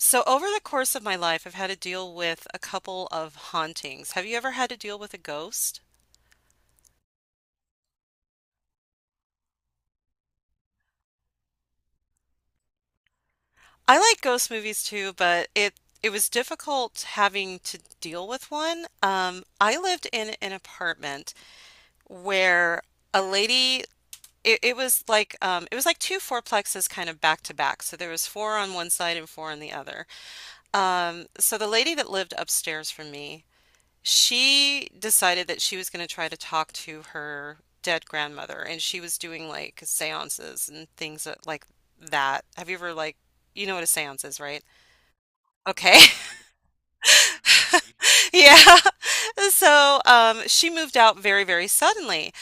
So, over the course of my life, I've had to deal with a couple of hauntings. Have you ever had to deal with a ghost? I like ghost movies too, but it was difficult having to deal with one. I lived in an apartment where a lady it was like it was like two fourplexes kind of back to back. So there was four on one side and four on the other. So the lady that lived upstairs from me. She decided that she was going to try to talk to her dead grandmother, and she was doing like seances and things like that. Have you ever you know what a seance is, right? Okay. Yeah. So, she moved out very, very suddenly.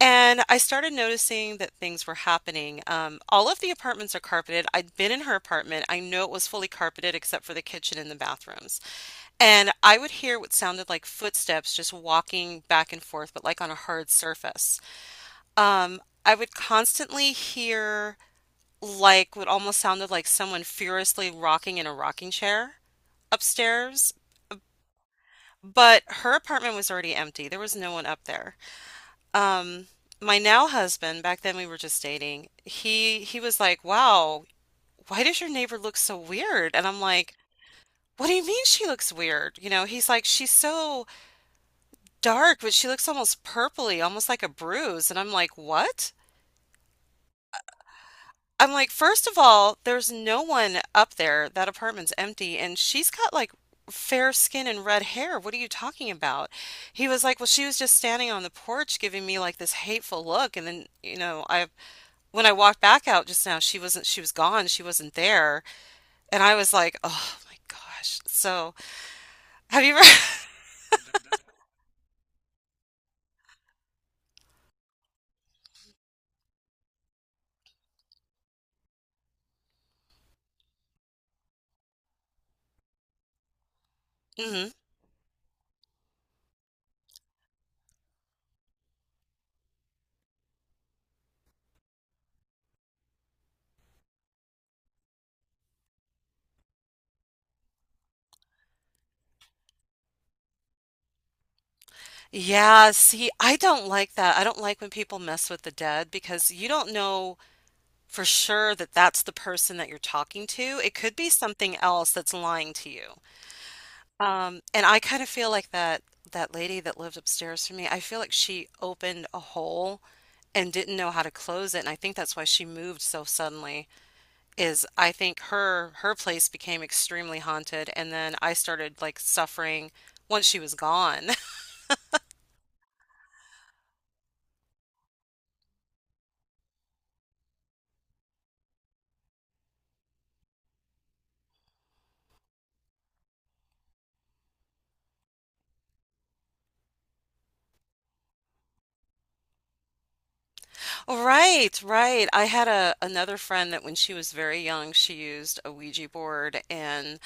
And I started noticing that things were happening. All of the apartments are carpeted. I'd been in her apartment. I know it was fully carpeted except for the kitchen and the bathrooms. And I would hear what sounded like footsteps just walking back and forth, but like on a hard surface. I would constantly hear like what almost sounded like someone furiously rocking in a rocking chair upstairs. But her apartment was already empty. There was no one up there. Um, my now husband, back then we were just dating, he was like, "Wow, why does your neighbor look so weird?" And I'm like, "What do you mean she looks weird?" You know, he's like, "She's so dark, but she looks almost purpley, almost like a bruise." And I'm like, "What?" I'm like, first of all, there's no one up there. That apartment's empty, and she's got like fair skin and red hair. What are you talking about? He was like, well, she was just standing on the porch giving me like this hateful look, and then, I when I walked back out just now, she was gone, she wasn't there, and I was like, oh my gosh. So, have you ever? Hmm. Yeah, see, I don't like that. I don't like when people mess with the dead because you don't know for sure that that's the person that you're talking to. It could be something else that's lying to you. And I kind of feel like that lady that lived upstairs from me, I feel like she opened a hole and didn't know how to close it. And I think that's why she moved so suddenly is I think her place became extremely haunted and then I started like suffering once she was gone. Right, right. I had a another friend that when she was very young, she used a Ouija board and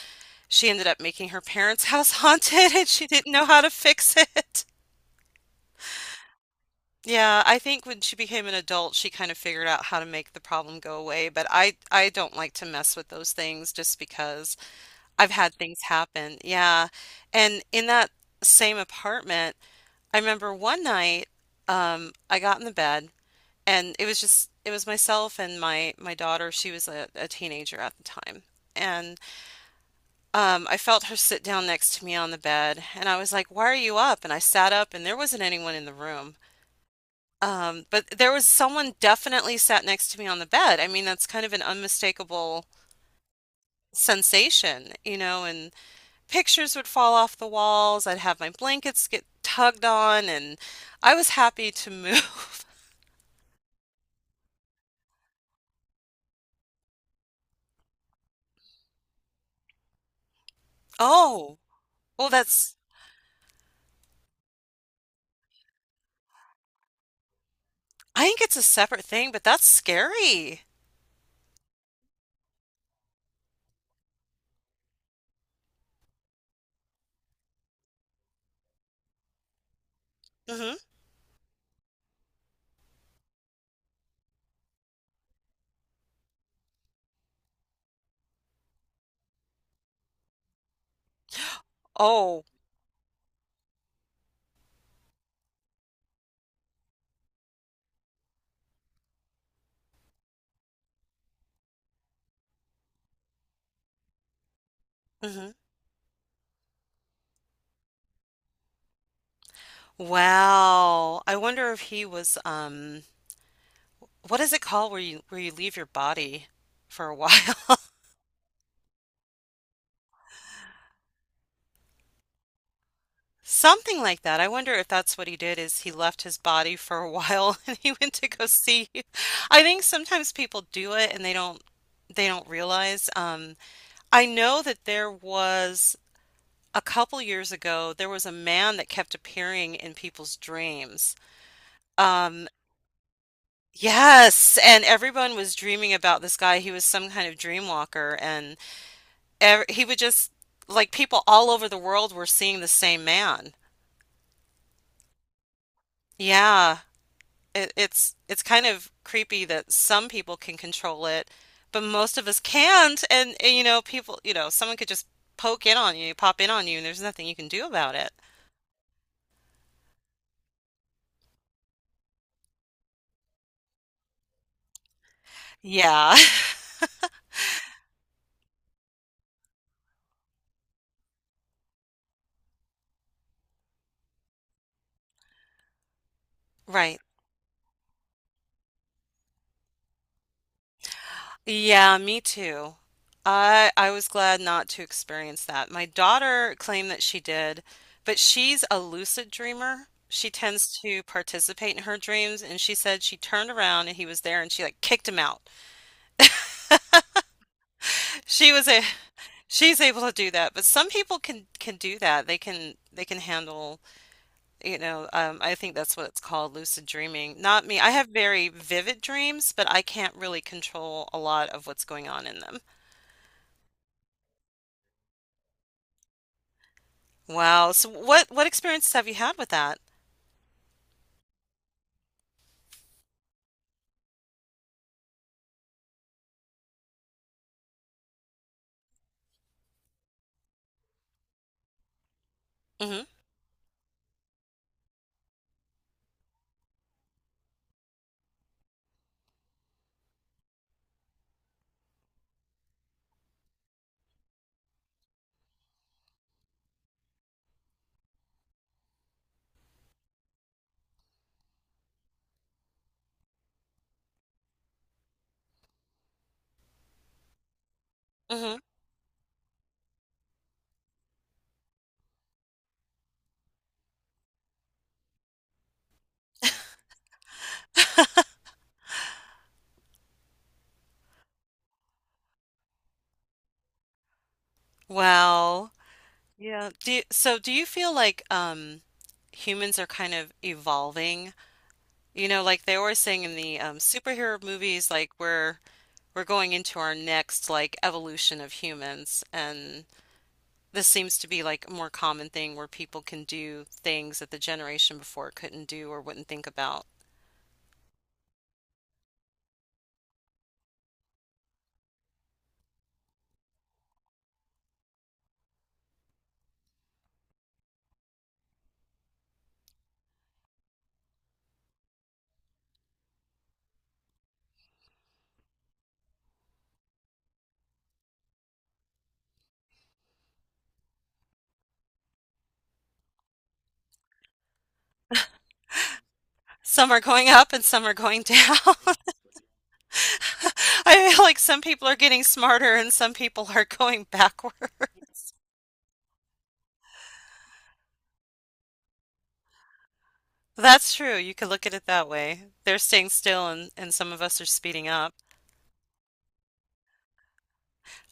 she ended up making her parents' house haunted and she didn't know how to fix it. Yeah, I think when she became an adult, she kind of figured out how to make the problem go away, but I don't like to mess with those things just because I've had things happen. Yeah. And in that same apartment, I remember one night, I got in the bed and it was myself and my daughter. She was a teenager at the time. I felt her sit down next to me on the bed, and I was like, why are you up? And I sat up, and there wasn't anyone in the room. But there was someone definitely sat next to me on the bed. I mean, that's kind of an unmistakable sensation, you know, and pictures would fall off the walls. I'd have my blankets get tugged on, and I was happy to move. Oh, well, that's, I think it's a separate thing, but that's scary. Hmm. Oh. Hmm. Wow. I wonder if he was, what is it called where you leave your body for a while? Something like that. I wonder if that's what he did is he left his body for a while and he went to go see. I think sometimes people do it and they don't realize. I know that there was a couple years ago there was a man that kept appearing in people's dreams. Um, yes, and everyone was dreaming about this guy. He was some kind of dream walker and ev he would just people all over the world were seeing the same man. Yeah, it's kind of creepy that some people can control it, but most of us can't. And you know, people, you know, someone could just poke in on you, pop in on you, and there's nothing you can do about it. Yeah, right. Yeah, me too. I was glad not to experience that. My daughter claimed that she did, but she's a lucid dreamer. She tends to participate in her dreams, and she said she turned around and he was there, and she like kicked him out. She was a she's able to do that, but some people can do that. They can handle, you know, I think that's what it's called, lucid dreaming. Not me. I have very vivid dreams, but I can't really control a lot of what's going on in them. Wow. So what experiences have you had with that? Hmm. Hmm. Wow. Yeah. Do you, so do you feel like humans are kind of evolving? You know, like they always saying in the superhero movies, like we're going into our next like evolution of humans and this seems to be like a more common thing where people can do things that the generation before couldn't do or wouldn't think about. Some are going up and some are going down. I feel like some people are getting smarter and some people are going backward. That's true. You could look at it that way. They're staying still and some of us are speeding up.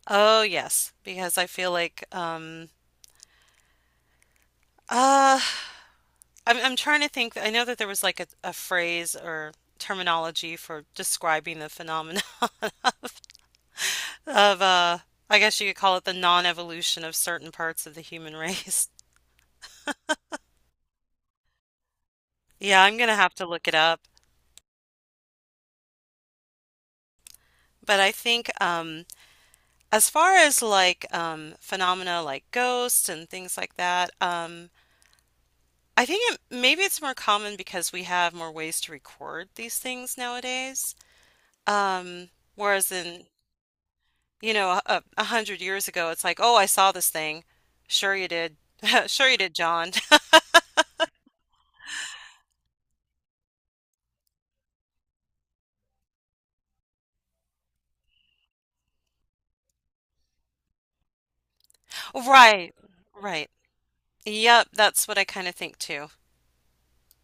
Oh, yes, because I feel like uh I'm trying to think. I know that there was like a phrase or terminology for describing the phenomenon of I guess you could call it the non-evolution of certain parts of the human race. Yeah, I'm gonna have to look it up. But I think as far as like phenomena like ghosts and things like that, I think it, maybe it's more common because we have more ways to record these things nowadays. Um, whereas in, you know, 100 years ago, it's like, oh, I saw this thing. Sure you did. Sure you did, John. Right, right. Yep, that's what I kind of think too.